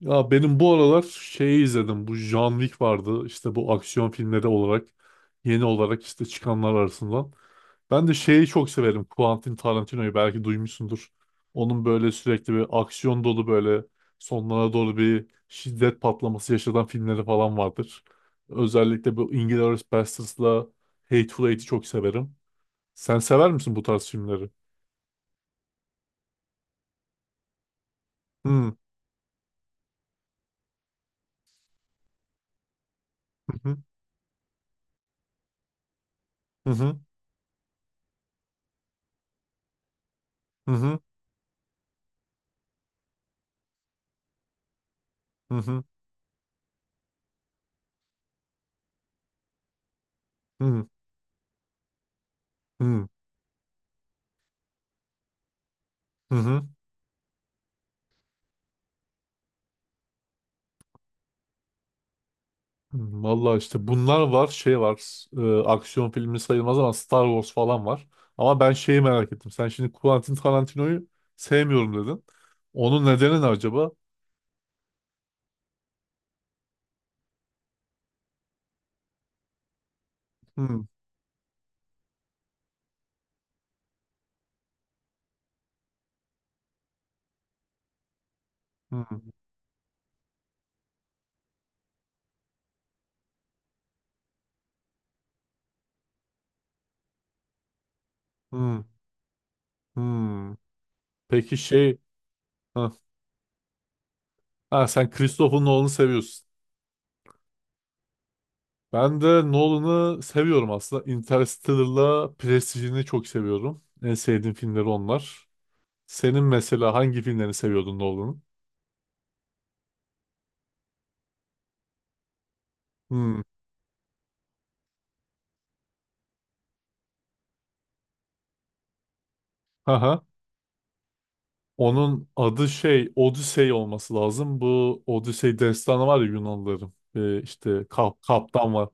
Ya benim bu aralar şeyi izledim. Bu John Wick vardı. İşte bu aksiyon filmleri olarak yeni olarak işte çıkanlar arasından. Ben de şeyi çok severim. Quentin Tarantino'yu belki duymuşsundur. Onun böyle sürekli bir aksiyon dolu böyle sonlara doğru bir şiddet patlaması yaşatan filmleri falan vardır. Özellikle bu Inglourious Basterds'la Hateful Eight'i çok severim. Sen sever misin bu tarz filmleri? Hı hı, hı hı, hı hı, hı hı, hı hı, hı. Vallahi işte bunlar var, şey var. Aksiyon filmi sayılmaz ama Star Wars falan var. Ama ben şeyi merak ettim. Sen şimdi Quentin Tarantino'yu sevmiyorum dedin. Onun nedeni ne acaba? Hmm, hmm, hmm, hmm. Peki şey... Ha, ha, sen Christopher Nolan'ı seviyorsun. Ben de Nolan'ı seviyorum aslında. Interstellar'la Prestige'ini çok seviyorum. En sevdiğim filmleri onlar. Senin mesela hangi filmlerini seviyordun Nolan'ın? Hmm. Onun adı şey Odisey olması lazım. Bu Odisey destanı var ya Yunanlıların. İşte Kaptan var.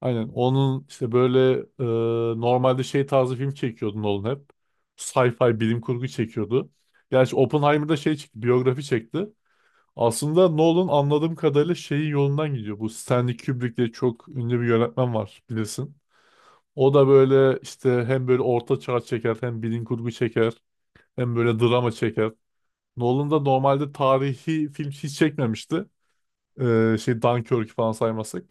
Aynen onun işte böyle e, normalde şey tarzı film çekiyordu Nolan hep. Sci-fi bilim kurgu çekiyordu. Gerçi Oppenheimer'da şey çekti, biyografi çekti. Aslında Nolan anladığım kadarıyla şeyin yolundan gidiyor. Bu Stanley Kubrick diye çok ünlü bir yönetmen var bilirsin. O da böyle işte hem böyle orta çağ çeker hem bilim kurgu çeker hem böyle drama çeker. Nolan da normalde tarihi film hiç çekmemişti. Şey Dunkirk'ü falan saymazsak.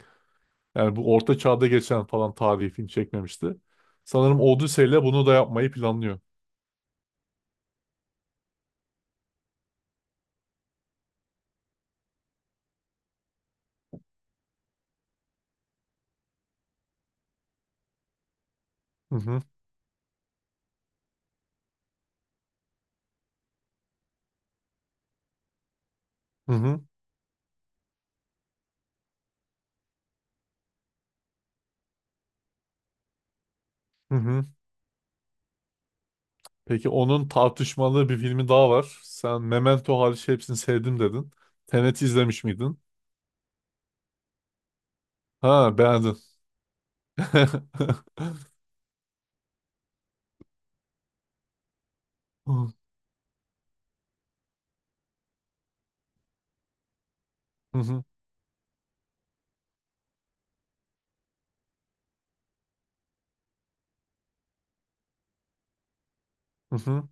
Yani bu orta çağda geçen falan tarihi film çekmemişti. Sanırım Odyssey ile bunu da yapmayı planlıyor. Hı hı, hı hı, hı hı. Peki onun tartışmalı bir filmi daha var. Sen Memento hariç hepsini sevdim dedin. Tenet izlemiş miydin? Ha, beğendin. Hı hı, hı hı,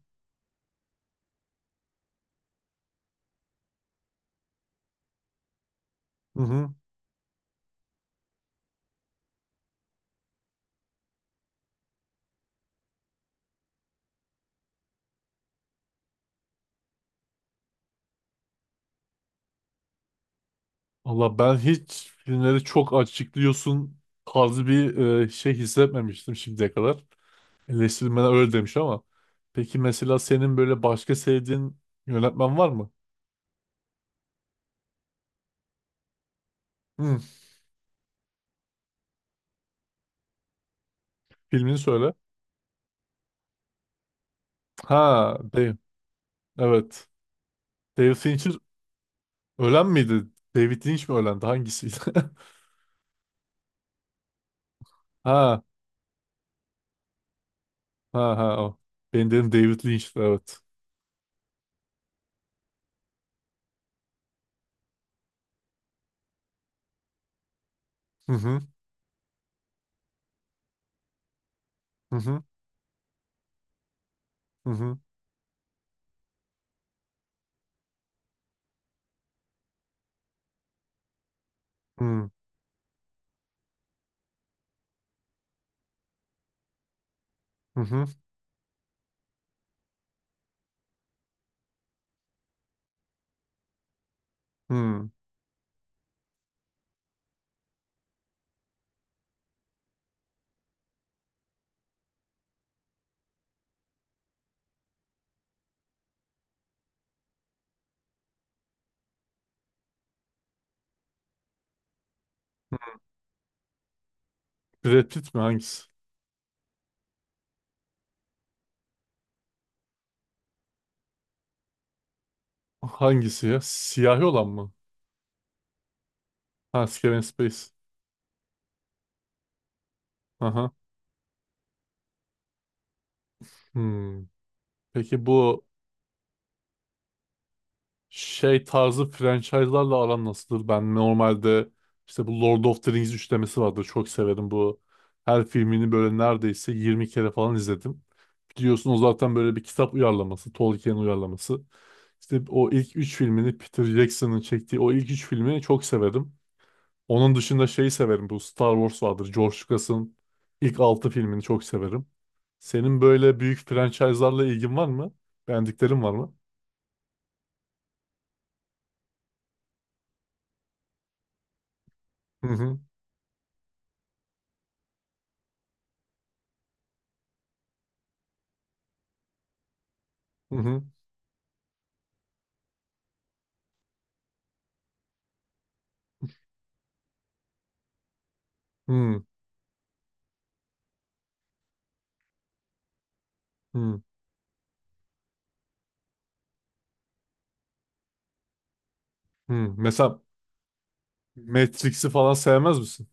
hı hı. Valla ben hiç filmleri çok açıklıyorsun tarzı bir şey hissetmemiştim şimdiye kadar. Eleştirmenler öyle demiş ama. Peki mesela senin böyle başka sevdiğin yönetmen var mı? Hmm, Filmini söyle. Ha, Dave. Evet. David Fincher ölen miydi? David Lynch mi ölendi? Hangisiydi? Ha, ha, ha o. Ben dedim David Lynch'ti evet. Hı hı, hı hı, hı hı, hı hı, hı. Hı. Brad Pitt mi hangisi? Hangisi ya? Siyahi olan mı? Ha, Kevin Space. Aha. Hmm. Peki bu şey tarzı franchise'larla aran nasıldır? Ben normalde işte bu Lord of the Rings üçlemesi vardır. Çok severim bu. Her filmini böyle neredeyse 20 kere falan izledim. Biliyorsun o zaten böyle bir kitap uyarlaması. Tolkien uyarlaması. İşte o ilk üç filmini Peter Jackson'ın çektiği o ilk üç filmi çok severim. Onun dışında şeyi severim. Bu Star Wars vardır. George Lucas'ın ilk altı filmini çok severim. Senin böyle büyük franchise'larla ilgin var mı? Beğendiklerin var mı? Hı hı. Hı hı. Hı. Hı, hı. Mesela Matrix'i falan sevmez misin?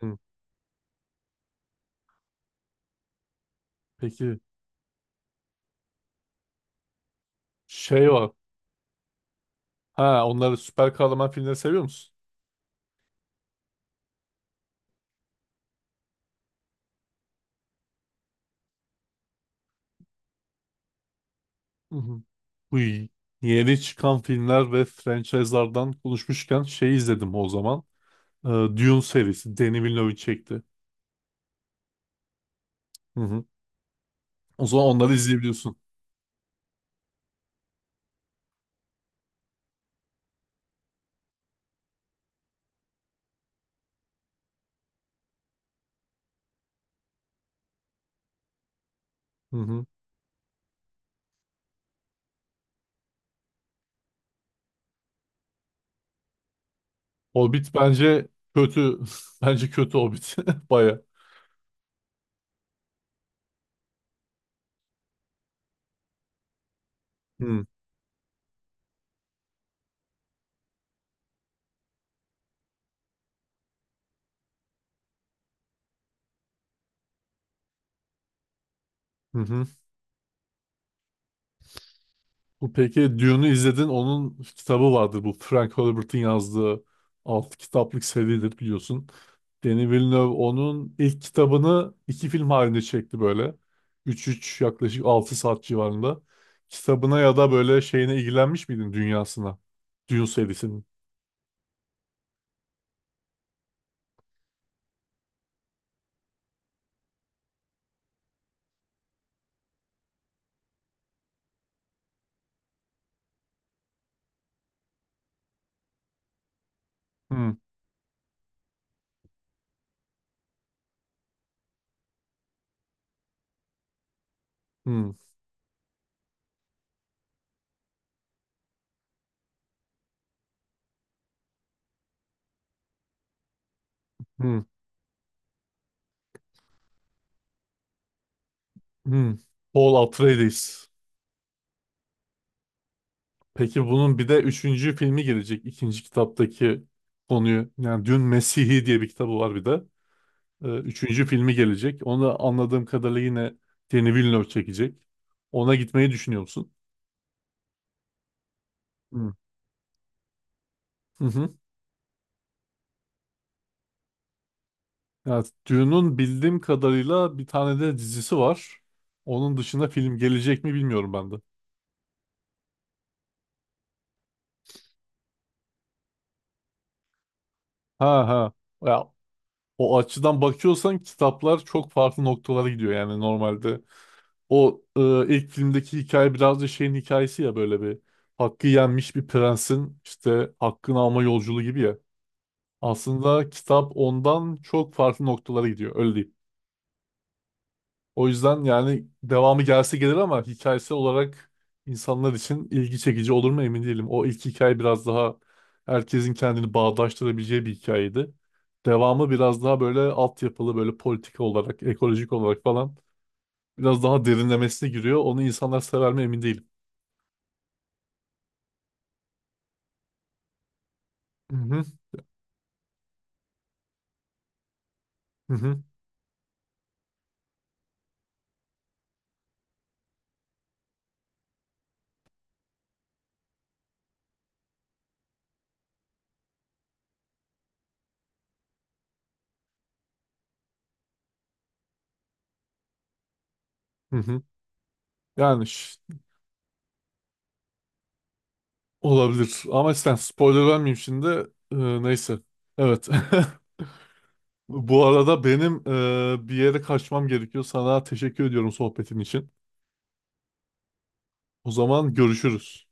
Hı. Peki şey var. Ha, onları süper kahraman filmleri seviyor musun? Hı hı. Bu yeni çıkan filmler ve franchise'lardan konuşmuşken şey izledim o zaman. Dune serisi. Denis Villeneuve çekti. Hı hı. O zaman onları izleyebiliyorsun. Hı hı. Hobbit bence kötü. Bence kötü Hobbit. Baya. Hı hı. Hı. Bu peki Dune'u izledin. Onun kitabı vardır. Bu Frank Herbert'in yazdığı 6 kitaplık seridir biliyorsun. Denis Villeneuve onun ilk kitabını iki film halinde çekti böyle. Üç yaklaşık 6 saat civarında. Kitabına ya da böyle şeyine ilgilenmiş miydin dünyasına? Dune serisinin. Hmm, hmm, hmm, hmm. Paul Atreides. Peki bunun bir de üçüncü filmi gelecek. İkinci kitaptaki konuyu. Yani Dün Mesih'i diye bir kitabı var bir de. Üçüncü filmi gelecek. Onu da anladığım kadarıyla yine Denis Villeneuve çekecek. Ona gitmeyi düşünüyor musun? Hı. Hı hı. Yani Dune'un bildiğim kadarıyla bir tane de dizisi var. Onun dışında film gelecek mi bilmiyorum ben de. Ha, ha. Ya, o açıdan bakıyorsan kitaplar çok farklı noktalara gidiyor yani normalde. O ilk filmdeki hikaye biraz da şeyin hikayesi ya, böyle bir hakkı yenmiş bir prensin işte hakkını alma yolculuğu gibi ya. Aslında kitap ondan çok farklı noktalara gidiyor öyle diyeyim. O yüzden yani devamı gelse gelir ama hikayesi olarak insanlar için ilgi çekici olur mu emin değilim. O ilk hikaye biraz daha herkesin kendini bağdaştırabileceği bir hikayeydi. Devamı biraz daha böyle altyapılı, böyle politik olarak, ekolojik olarak falan biraz daha derinlemesine giriyor. Onu insanlar sever mi emin değilim. Hı hı, hı hı, hı hı. Yani olabilir ama sen spoiler vermeyeyim şimdi. Neyse. Evet. Bu arada benim bir yere kaçmam gerekiyor. Sana teşekkür ediyorum sohbetin için. O zaman görüşürüz.